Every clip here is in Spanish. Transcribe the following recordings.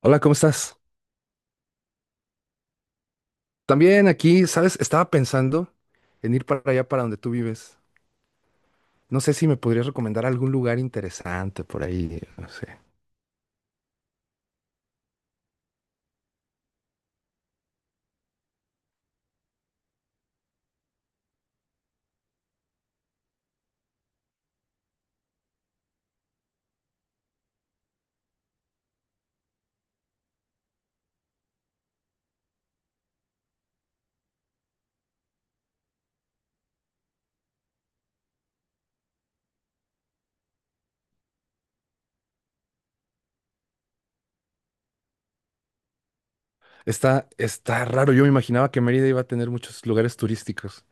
Hola, ¿cómo estás? También aquí, ¿sabes? Estaba pensando en ir para allá, para donde tú vives. No sé si me podrías recomendar algún lugar interesante por ahí, no sé. Está raro, yo me imaginaba que Mérida iba a tener muchos lugares turísticos,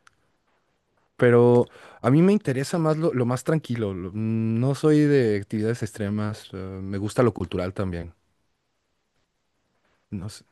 pero a mí me interesa más lo más tranquilo. No soy de actividades extremas, me gusta lo cultural también. No sé.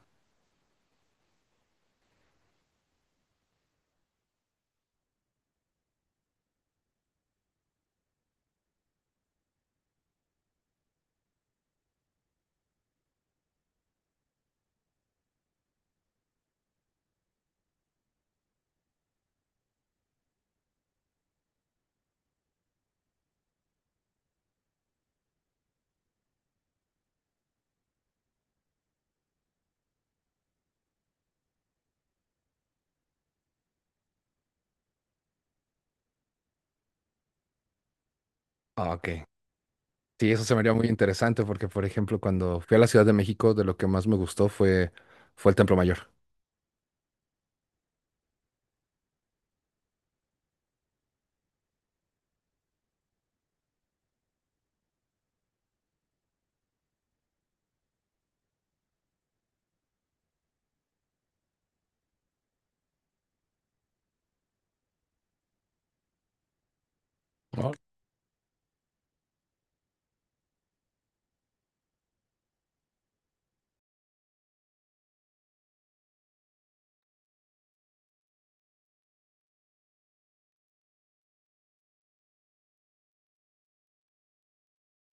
Ah, ok. Sí, eso se me haría muy interesante porque, por ejemplo, cuando fui a la Ciudad de México, de lo que más me fue el Templo Mayor.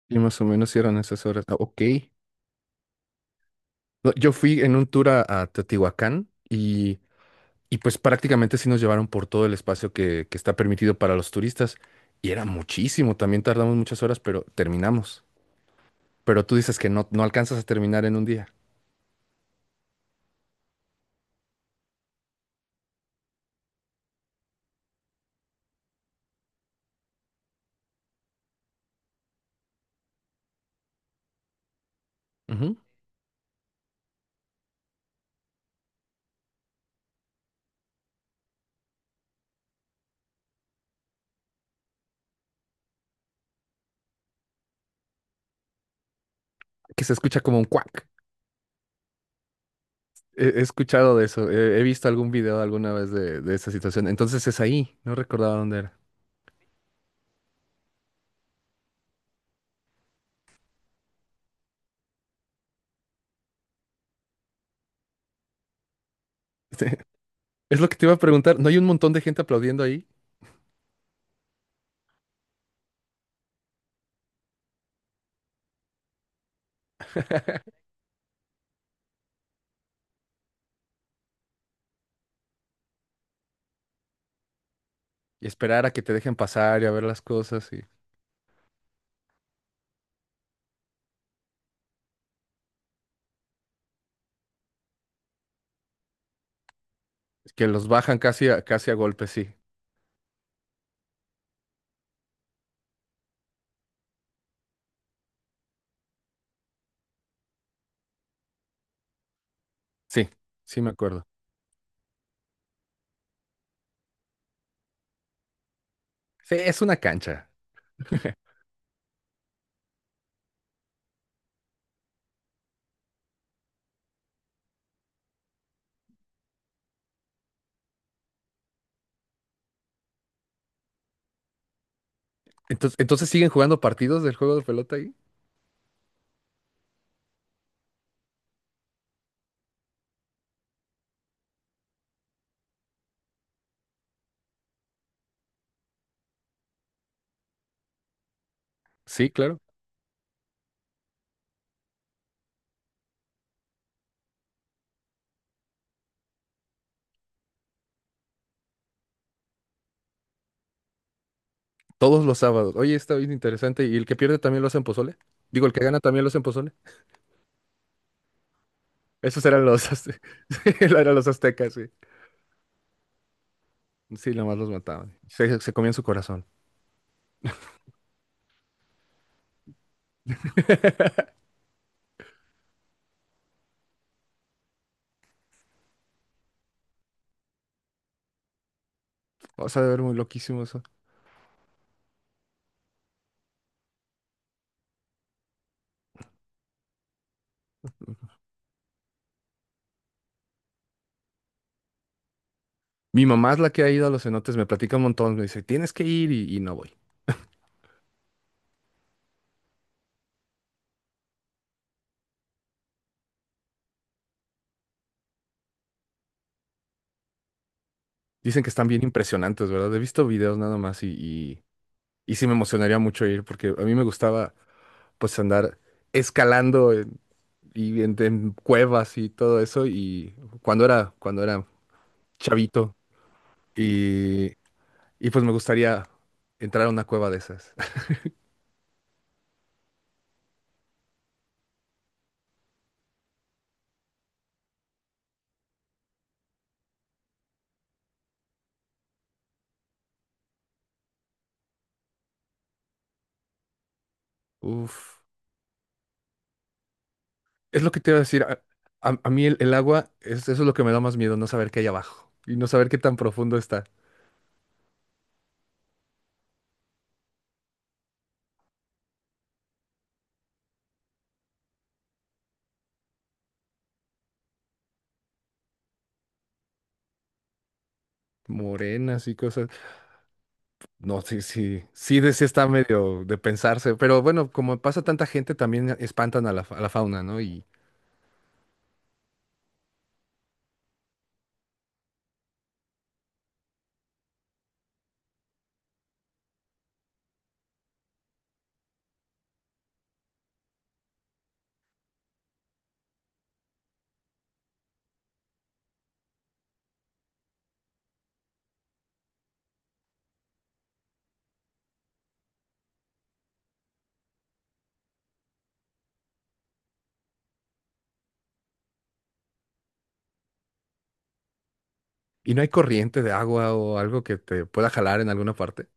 Y más o menos sí eran esas horas. Ah, ok. No, yo fui en un tour a Teotihuacán y pues prácticamente sí nos llevaron por todo el espacio que está permitido para los turistas. Y era muchísimo, también tardamos muchas horas, pero terminamos. Pero tú dices que no, no alcanzas a terminar en un día. Ujú. Que se escucha como un cuac. He escuchado de eso, he visto algún video alguna vez de esa situación. Entonces es ahí, no recordaba dónde era. Es lo que te iba a preguntar, ¿no hay un montón de gente aplaudiendo ahí? Y esperar a que te dejen pasar y a ver las cosas. Que los bajan casi a, casi a golpe, sí. Sí, sí me acuerdo. Sí, es una cancha. Entonces, entonces siguen jugando partidos del juego de pelota ahí. Sí, claro. Todos los sábados. Oye, está bien interesante. ¿Y el que pierde también lo hacen pozole? Digo, el que gana también lo hacen pozole. Esos eran los, eran los aztecas, sí. Sí, nomás los mataban. Se comían su corazón. O sea, a ver, muy loquísimo eso. Mi mamá es la que ha ido a los cenotes, me platica un montón, me dice, tienes que ir y no voy. Dicen que están bien impresionantes, ¿verdad? He visto videos nada más y sí me emocionaría mucho ir porque a mí me gustaba pues andar escalando en- y en cuevas y todo eso y cuando era chavito y, y pues me gustaría entrar a una cueva de esas. Uf, es lo que te iba a decir. A mí el agua es, eso es lo que me da más miedo, no saber qué hay abajo y no saber qué tan profundo está. Morenas y cosas. No, sí, sí, sí, de, sí está medio de pensarse, pero bueno, como pasa tanta gente, también espantan a la, a la fauna, ¿no? ¿Y no hay corriente de agua o algo que te pueda jalar en alguna parte?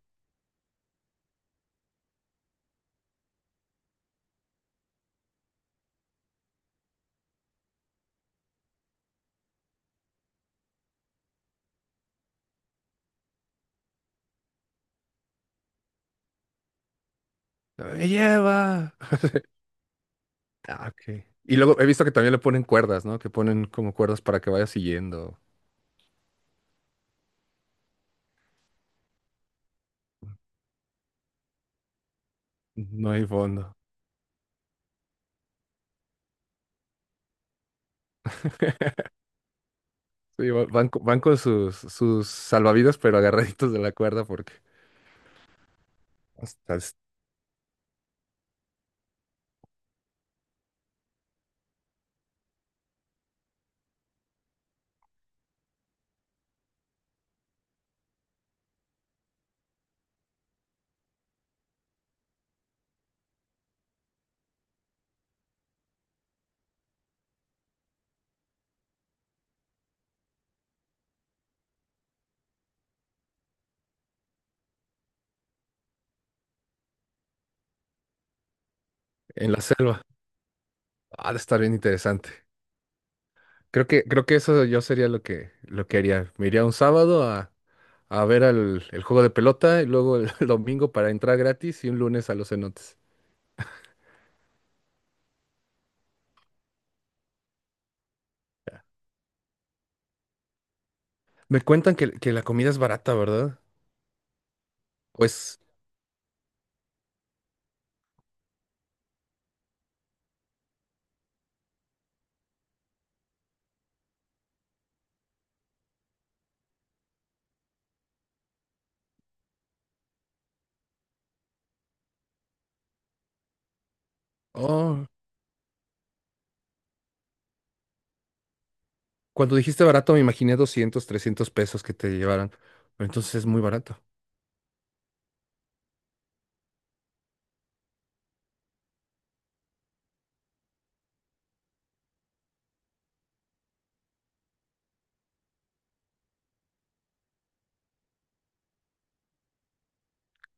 ¡Me lleva! Ah, ok. Y luego he visto que también le ponen cuerdas, ¿no? Que ponen como cuerdas para que vaya siguiendo. No hay fondo. Sí, van, van con sus, sus salvavidas, pero agarraditos de la cuerda porque hasta es- en la selva. Ha de estar bien interesante. Creo que eso yo sería lo que haría. Me iría un sábado a ver el juego de pelota y luego el, el domingo para entrar gratis y un lunes a los cenotes. Me cuentan que la comida es barata, ¿verdad? Pues, oh, cuando dijiste barato me imaginé 200, 300 pesos que te llevaran. Pero entonces es muy barato.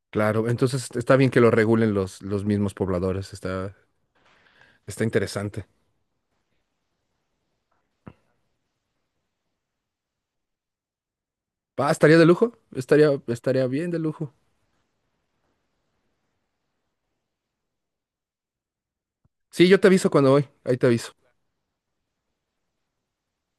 Claro, entonces está bien que lo regulen los mismos pobladores. Está, está interesante. Ah, estaría de lujo. Estaría, estaría bien de lujo. Sí, yo te aviso cuando voy. Ahí te aviso.